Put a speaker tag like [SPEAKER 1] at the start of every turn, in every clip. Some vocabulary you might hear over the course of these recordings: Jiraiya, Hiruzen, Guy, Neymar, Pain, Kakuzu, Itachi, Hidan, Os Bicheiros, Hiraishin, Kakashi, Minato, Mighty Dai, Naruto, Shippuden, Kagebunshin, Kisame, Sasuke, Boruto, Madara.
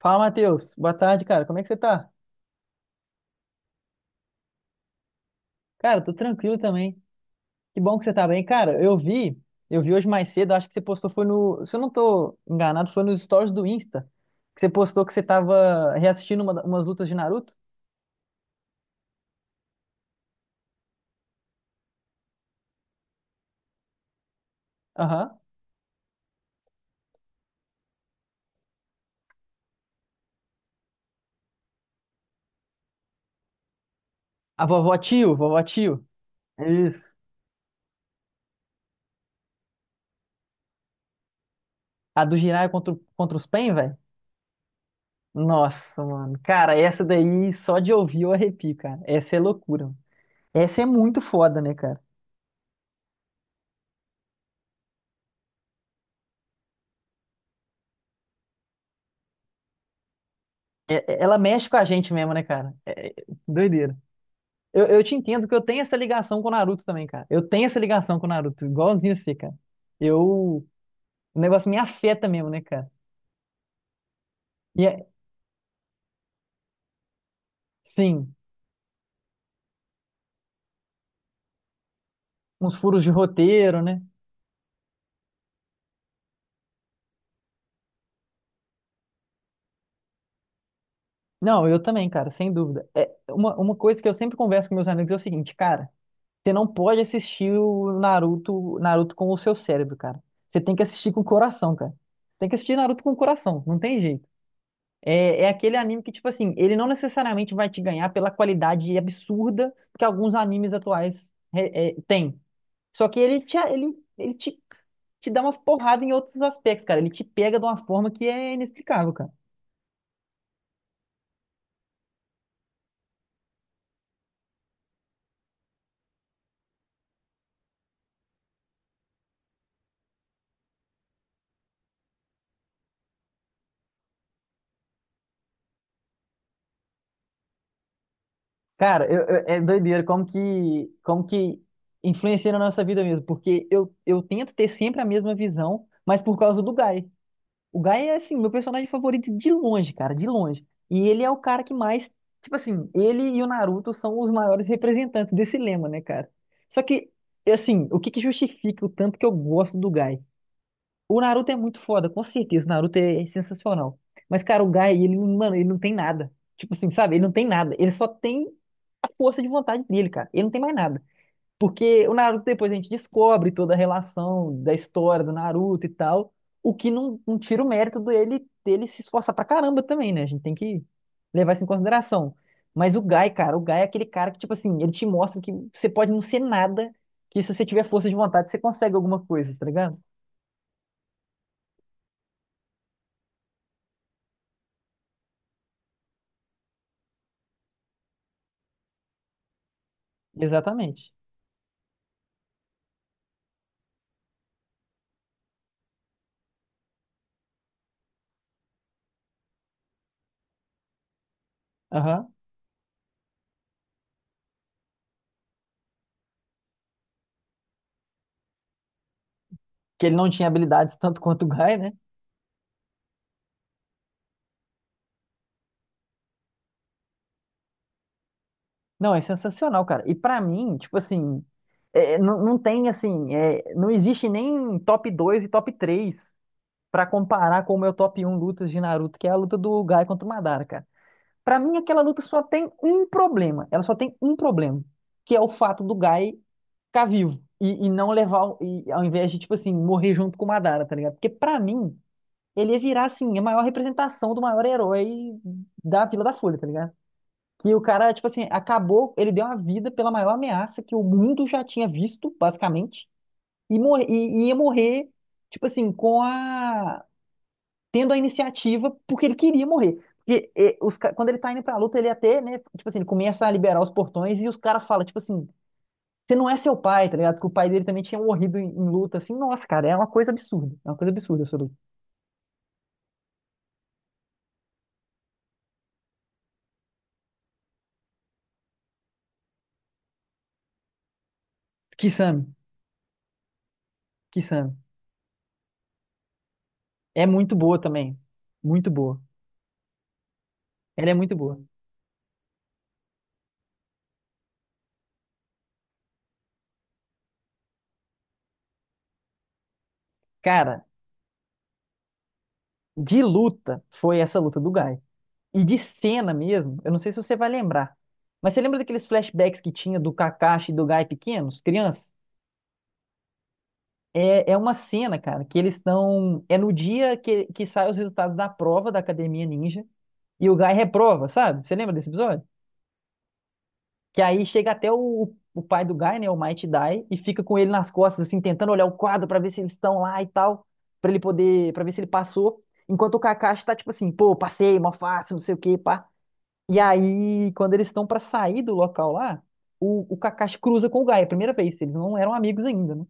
[SPEAKER 1] Fala, Matheus. Boa tarde, cara. Como é que você tá? Cara, tô tranquilo também. Que bom que você tá bem. Cara, eu vi hoje mais cedo, acho que você postou foi no, se eu não tô enganado, foi nos stories do Insta, que você postou que você tava reassistindo umas lutas de Naruto. Aham. A vovó Tio, vovó Tio. Isso. A do Jiraiya contra, contra os Pain, velho. Nossa, mano. Cara, essa daí só de ouvir eu arrepio, cara. Essa é loucura, mano. Essa é muito foda, né, cara? Ela mexe com a gente mesmo, né, cara? É doideira. Eu te entendo que eu tenho essa ligação com o Naruto também, cara. Eu tenho essa ligação com o Naruto, igualzinho você, cara. Eu. O negócio me afeta mesmo, né, cara? E é, sim, uns furos de roteiro, né? Não, eu também, cara, sem dúvida. É, uma coisa que eu sempre converso com meus amigos é o seguinte, cara, você não pode assistir o Naruto, Naruto com o seu cérebro, cara. Você tem que assistir com o coração, cara. Tem que assistir Naruto com o coração, não tem jeito. É aquele anime que, tipo assim, ele não necessariamente vai te ganhar pela qualidade absurda que alguns animes atuais têm. Só que ele te dá umas porradas em outros aspectos, cara. Ele te pega de uma forma que é inexplicável, cara. Cara, é doideira como que influencia na nossa vida mesmo. Porque eu tento ter sempre a mesma visão, mas por causa do Guy. O Guy é, assim, meu personagem favorito de longe, cara, de longe. E ele é o cara que mais, tipo assim, ele e o Naruto são os maiores representantes desse lema, né, cara? Só que, assim, o que que justifica o tanto que eu gosto do Guy? O Naruto é muito foda, com certeza, o Naruto é sensacional. Mas, cara, o Guy, ele, mano, ele não tem nada. Tipo assim, sabe? Ele não tem nada. Ele só tem a força de vontade dele, cara. Ele não tem mais nada. Porque o Naruto depois a gente descobre toda a relação da história do Naruto e tal, o que não tira o mérito dele se esforçar pra caramba também, né? A gente tem que levar isso em consideração. Mas o Gai, cara, o Gai é aquele cara que, tipo assim, ele te mostra que você pode não ser nada, que se você tiver força de vontade, você consegue alguma coisa, tá ligado? Exatamente. Aham. Que ele não tinha habilidades tanto quanto o Gai, né? Não, é sensacional, cara. E pra mim, tipo assim, é, não, não tem assim, é, não existe nem top 2 e top 3 pra comparar com o meu top 1 lutas de Naruto, que é a luta do Gai contra o Madara, cara. Pra mim, aquela luta só tem um problema. Ela só tem um problema, que é o fato do Gai ficar vivo e não levar, e, ao invés de, tipo assim, morrer junto com o Madara, tá ligado? Porque pra mim, ele ia virar, assim, a maior representação do maior herói da Vila da Folha, tá ligado? Que o cara, tipo assim, acabou, ele deu a vida pela maior ameaça que o mundo já tinha visto, basicamente, e, morre, e ia morrer, tipo assim, com a, tendo a iniciativa porque ele queria morrer. Porque quando ele tá indo pra luta, ele até, né, tipo assim, ele começa a liberar os portões e os caras falam, tipo assim, você não é seu pai, tá ligado? Porque o pai dele também tinha morrido em luta, assim, nossa, cara, é uma coisa absurda. É uma coisa absurda essa luta. Kisame, Kisame. É muito boa também. Muito boa. Ela é muito boa. Cara, de luta foi essa luta do Guy. E de cena mesmo, eu não sei se você vai lembrar. Mas você lembra daqueles flashbacks que tinha do Kakashi e do Guy pequenos, crianças? É uma cena, cara, que eles estão. É no dia que saem os resultados da prova da Academia Ninja e o Guy reprova, sabe? Você lembra desse episódio? Que aí chega até o pai do Guy, né? O Mighty Dai, e fica com ele nas costas, assim, tentando olhar o quadro pra ver se eles estão lá e tal, pra ele poder, pra ver se ele passou. Enquanto o Kakashi tá tipo assim, pô, passei, mó fácil, não sei o quê, pá. E aí, quando eles estão pra sair do local lá, o Kakashi cruza com o Guy, é a primeira vez, eles não eram amigos ainda, né?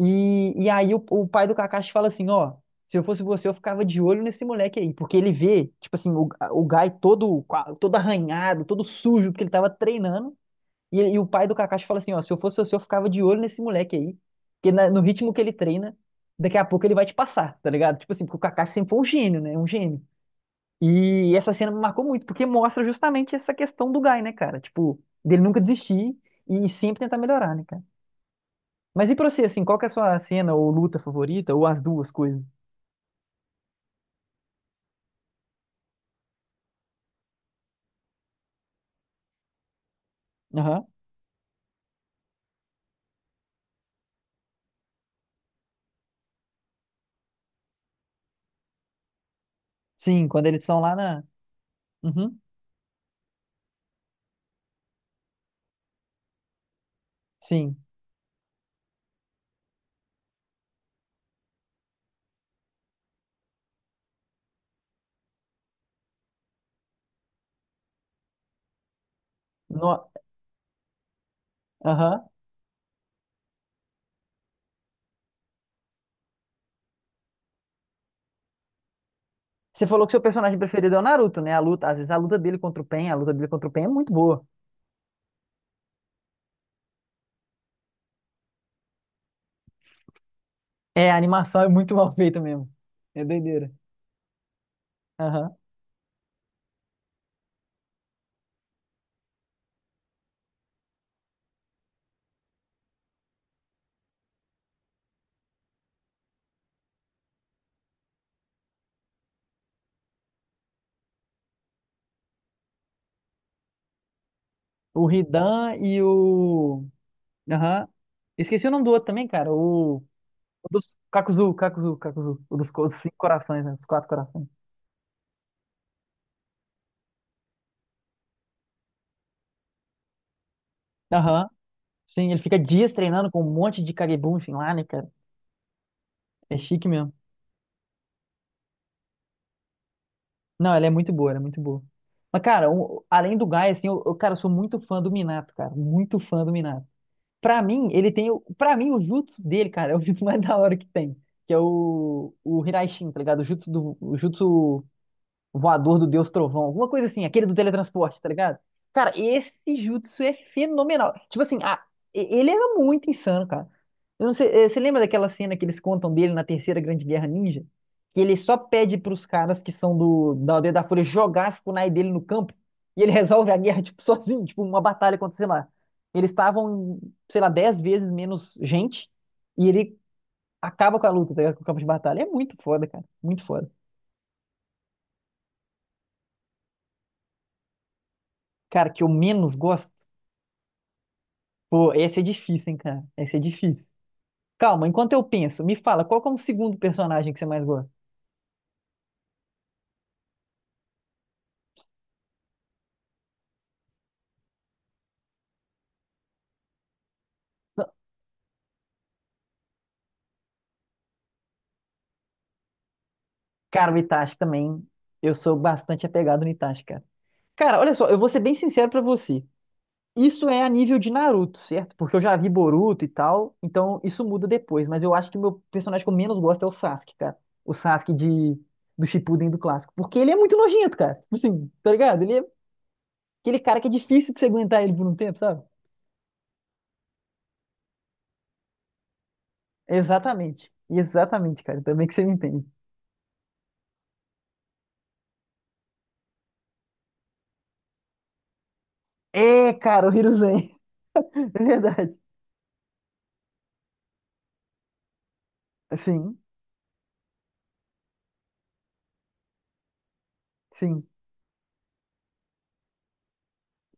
[SPEAKER 1] E aí o pai do Kakashi fala assim, ó, se eu fosse você, eu ficava de olho nesse moleque aí, porque ele vê, tipo assim, o Guy todo, todo arranhado, todo sujo, porque ele tava treinando, e o pai do Kakashi fala assim, ó, se eu fosse você, eu ficava de olho nesse moleque aí, porque no ritmo que ele treina, daqui a pouco ele vai te passar, tá ligado? Tipo assim, porque o Kakashi sempre foi um gênio, né? Um gênio. E essa cena me marcou muito, porque mostra justamente essa questão do Guy, né, cara? Tipo, dele nunca desistir e sempre tentar melhorar, né, cara? Mas e pra você, assim, qual que é a sua cena ou luta favorita, ou as duas coisas? Aham. Sim, quando eles estão lá na. Uhum. Sim. No- Aham. Você falou que seu personagem preferido é o Naruto, né? A luta, às vezes a luta dele contra o Pen, a luta dele contra o Pen é muito boa. É, a animação é muito mal feita mesmo. É doideira. Aham. O Hidan e o. Aham. Esqueci o nome do outro também, cara. O. O dos Kakuzu, Kakuzu, Kakuzu. O dos os cinco corações, né? Os quatro corações. Aham. Sim, ele fica dias treinando com um monte de Kagebunshin lá, né, cara? É chique mesmo. Não, ela é muito boa, ela é muito boa. Mas, cara, além do Gaia, assim, cara, eu sou muito fã do Minato, cara. Muito fã do Minato. Pra mim, ele tem. Pra mim, o jutsu dele, cara, é o jutsu mais da hora que tem. Que é o Hiraishin, tá ligado? O jutsu do. O jutsu voador do Deus Trovão, alguma coisa assim, aquele do teletransporte, tá ligado? Cara, esse jutsu é fenomenal. Tipo assim, ele era muito insano, cara. Eu não sei, você lembra daquela cena que eles contam dele na Terceira Grande Guerra Ninja? Que ele só pede pros caras que são da Aldeia da Fúria jogar as kunai dele no campo e ele resolve a guerra, tipo, sozinho, tipo, uma batalha contra, sei lá. Eles estavam, sei lá, 10 vezes menos gente e ele acaba com a luta, tá ligado? Com o campo de batalha. É muito foda, cara. Muito foda. Cara, que eu menos gosto. Pô, esse é difícil, hein, cara? Esse é difícil. Calma, enquanto eu penso, me fala, qual que é o segundo personagem que você mais gosta? Não, cara, o Itachi também. Eu sou bastante apegado no Itachi, cara. Cara, olha só, eu vou ser bem sincero pra você. Isso é a nível de Naruto, certo? Porque eu já vi Boruto e tal, então isso muda depois. Mas eu acho que o meu personagem que eu menos gosto é o Sasuke, cara. O Sasuke de, do Shippuden do clássico. Porque ele é muito nojento, cara. Tipo assim, tá ligado? Ele é aquele cara que é difícil de você aguentar ele por um tempo, sabe? Exatamente. Exatamente, cara. Também que você me entende. É, cara, o Hiruzen. É verdade. Sim, sim.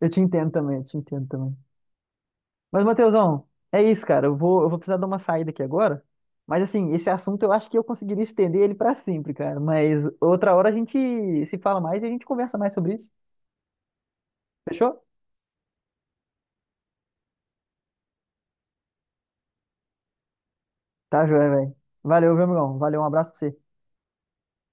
[SPEAKER 1] Eu te entendo também, eu te entendo também. Mas, Matheusão, é isso, cara. Eu vou precisar dar uma saída aqui agora. Mas, assim, esse assunto eu acho que eu conseguiria estender ele pra sempre, cara. Mas outra hora a gente se fala mais e a gente conversa mais sobre isso. Fechou? Tá, joia, velho. Valeu, meu irmão. Valeu, um abraço pra você.